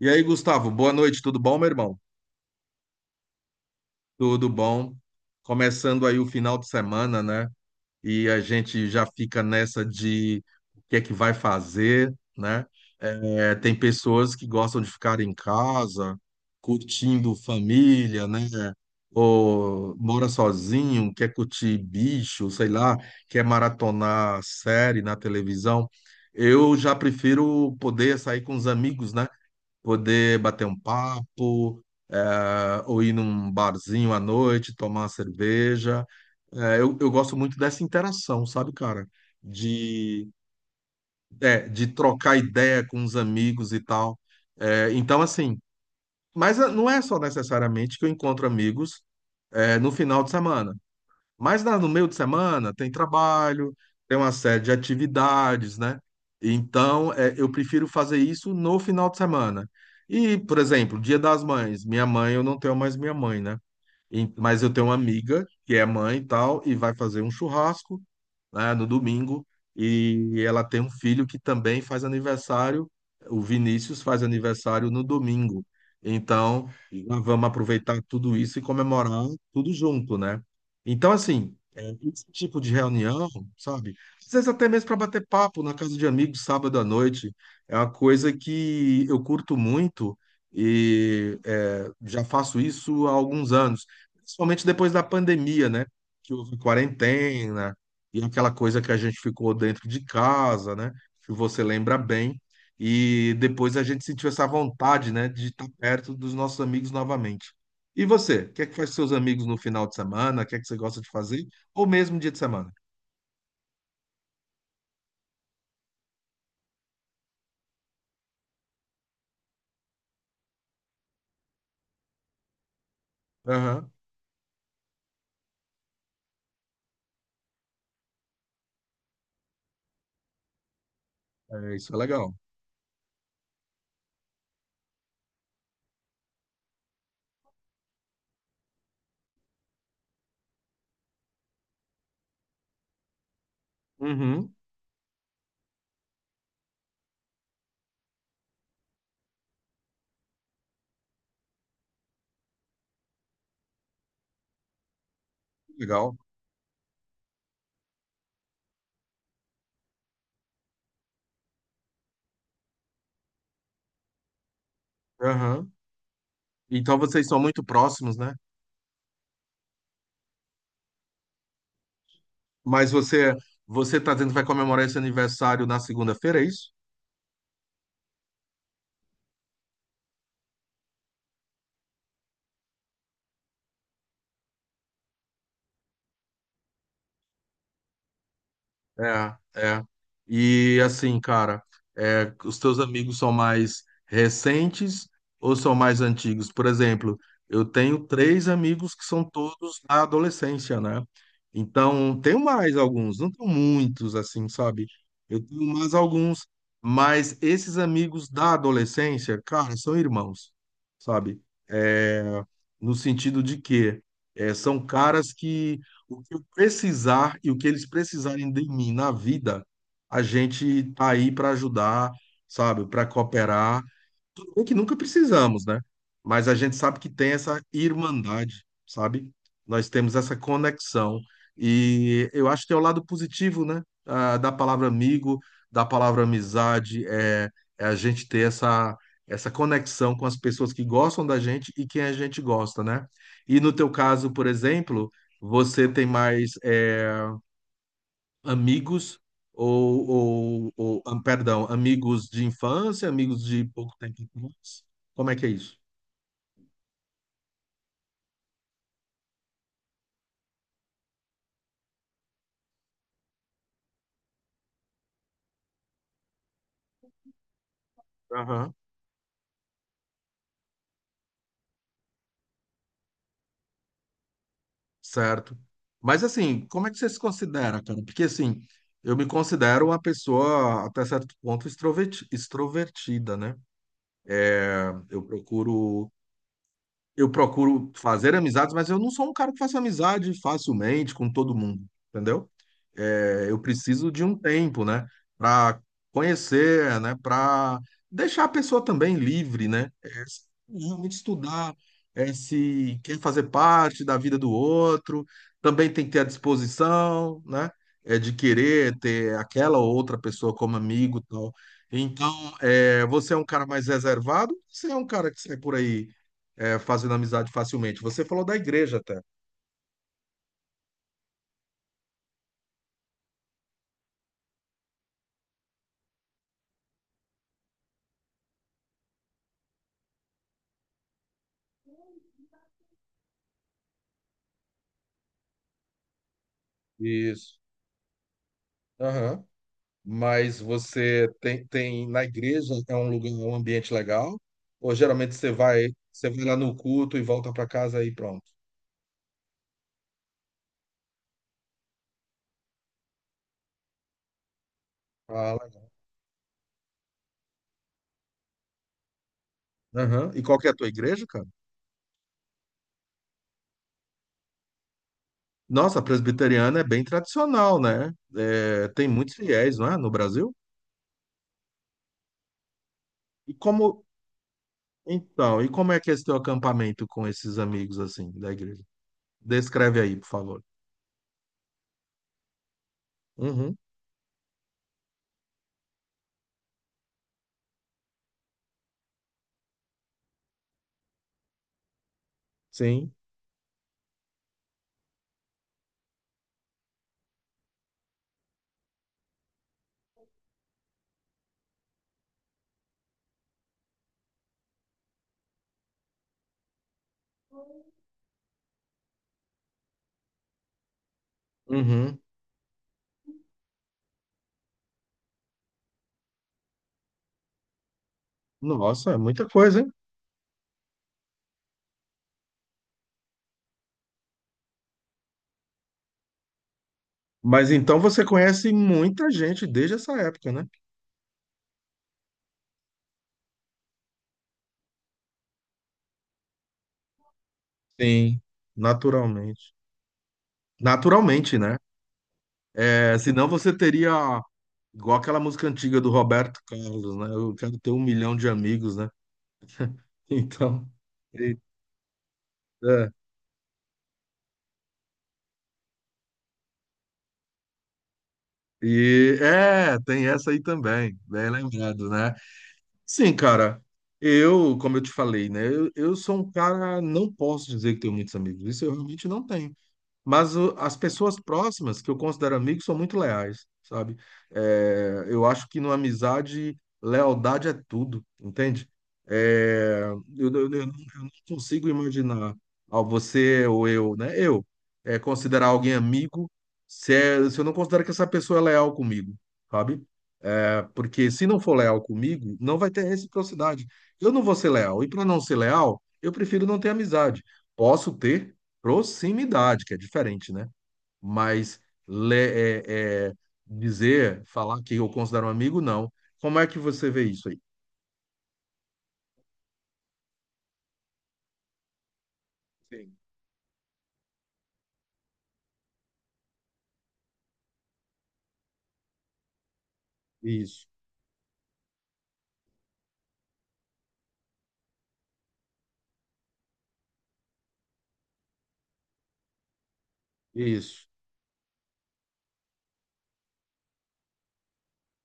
E aí, Gustavo, boa noite, tudo bom, meu irmão? Tudo bom. Começando aí o final de semana, né? E a gente já fica nessa de o que é que vai fazer, né? É, tem pessoas que gostam de ficar em casa, curtindo família, né? Ou mora sozinho, quer curtir bicho, sei lá, quer maratonar série na televisão. Eu já prefiro poder sair com os amigos, né? Poder bater um papo, ou ir num barzinho à noite, tomar uma cerveja. Eu gosto muito dessa interação, sabe, cara? De, é, de trocar ideia com os amigos e tal. Então, assim, mas não é só necessariamente que eu encontro amigos, no final de semana. Mas no meio de semana tem trabalho, tem uma série de atividades, né? Então, é, eu prefiro fazer isso no final de semana. E, por exemplo, Dia das Mães. Minha mãe, eu não tenho mais minha mãe, né? Mas eu tenho uma amiga que é mãe e tal, e vai fazer um churrasco, né, no domingo, e ela tem um filho que também faz aniversário, o Vinícius faz aniversário no domingo. Então, nós vamos aproveitar tudo isso e comemorar tudo junto, né? Então, assim, é, esse tipo de reunião, sabe? Às vezes até mesmo para bater papo na casa de amigos sábado à noite, é uma coisa que eu curto muito e é, já faço isso há alguns anos. Principalmente depois da pandemia, né? Que houve quarentena e aquela coisa que a gente ficou dentro de casa, né? Que você lembra bem. E depois a gente sentiu essa vontade, né? De estar perto dos nossos amigos novamente. E você? O que é que faz com seus amigos no final de semana? O que é que você gosta de fazer? Ou mesmo dia de semana? Aham. É, isso é legal. Uhum. Legal. Aham. Então vocês são muito próximos, né? Mas você tá dizendo que vai comemorar esse aniversário na segunda-feira, é isso? É, é. E assim, cara, é, os teus amigos são mais recentes ou são mais antigos? Por exemplo, eu tenho três amigos que são todos da adolescência, né? Então, tenho mais alguns, não tenho muitos, assim, sabe? Eu tenho mais alguns, mas esses amigos da adolescência, cara, são irmãos, sabe? É, no sentido de que é, são caras que o que eu precisar e o que eles precisarem de mim na vida, a gente tá aí para ajudar, sabe? Para cooperar. Tudo bem que nunca precisamos, né? Mas a gente sabe que tem essa irmandade, sabe? Nós temos essa conexão. E eu acho que é o lado positivo, né? Da palavra amigo, da palavra amizade, é, é a gente ter essa conexão com as pessoas que gostam da gente e quem a gente gosta, né? E no teu caso, por exemplo, você tem mais. É, amigos ou, perdão, amigos de infância, amigos de pouco tempo atrás? Como é que é isso? Aham. Certo. Mas assim, como é que você se considera, cara? Porque assim, eu me considero uma pessoa até certo ponto extrovertida, né? Eu procuro eu procuro fazer amizades, mas eu não sou um cara que faça amizade facilmente com todo mundo, entendeu? É, eu preciso de um tempo, né, para conhecer, né, para deixar a pessoa também livre, né, é, realmente estudar é, se quer fazer parte da vida do outro, também tem que ter a disposição, né, é, de querer ter aquela ou outra pessoa como amigo, e tal. Então, é, você é um cara mais reservado? Você é um cara que sai por aí é, fazendo amizade facilmente. Você falou da igreja até. Isso. Aham. Mas você tem na igreja é um lugar, um ambiente legal? Ou geralmente você você vai lá no culto e volta para casa e pronto? Fala. Aham. E qual que é a tua igreja, cara? Nossa, a presbiteriana é bem tradicional, né? É, tem muitos fiéis, não é, no Brasil? E como, então, e como é que é esse teu acampamento com esses amigos assim da igreja? Descreve aí, por favor. Uhum. Sim. Uhum. Nossa, é muita coisa, hein? Mas então você conhece muita gente desde essa época, né? Sim. Naturalmente. Naturalmente, né? É, senão você teria, igual aquela música antiga do Roberto Carlos, né? Eu quero ter um milhão de amigos, né? Então, e, é, é, tem essa aí também, bem lembrado, né? Sim, cara, eu, como eu te falei, né? Eu sou um cara, não posso dizer que tenho muitos amigos, isso eu realmente não tenho. Mas as pessoas próximas, que eu considero amigos, são muito leais, sabe? É, eu acho que numa amizade, lealdade é tudo, entende? É, eu não eu não consigo imaginar ó, você ou eu, né? Eu é, considerar alguém amigo se eu não considero que essa pessoa é leal comigo, sabe? É, porque se não for leal comigo, não vai ter reciprocidade. Eu não vou ser leal. E para não ser leal, eu prefiro não ter amizade. Posso ter proximidade, que é diferente, né? Mas é, dizer, falar que eu considero um amigo, não. Como é que você vê isso aí? Sim. Isso, isso.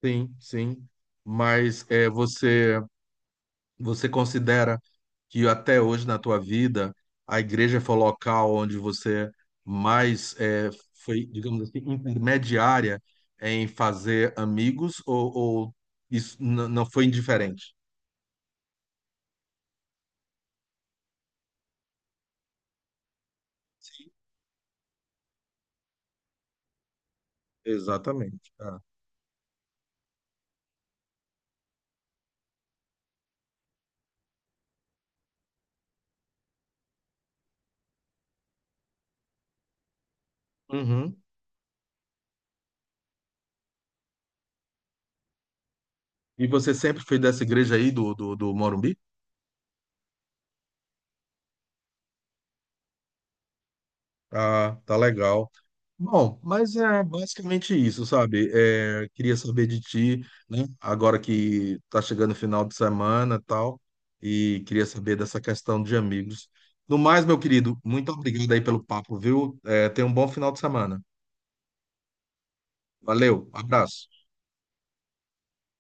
Sim, sim. Mas é, você considera que até hoje na tua vida a igreja foi o local onde você mais é, foi, digamos assim, intermediária em fazer amigos ou isso não foi indiferente? Exatamente. Uhum. E você sempre foi dessa igreja aí do Morumbi? Ah, tá legal. Bom, mas é basicamente isso, sabe? É, queria saber de ti, né? Agora que tá chegando o final de semana e tal, e queria saber dessa questão de amigos. No mais, meu querido, muito obrigado aí pelo papo, viu? É, tenha um bom final de semana. Valeu, abraço.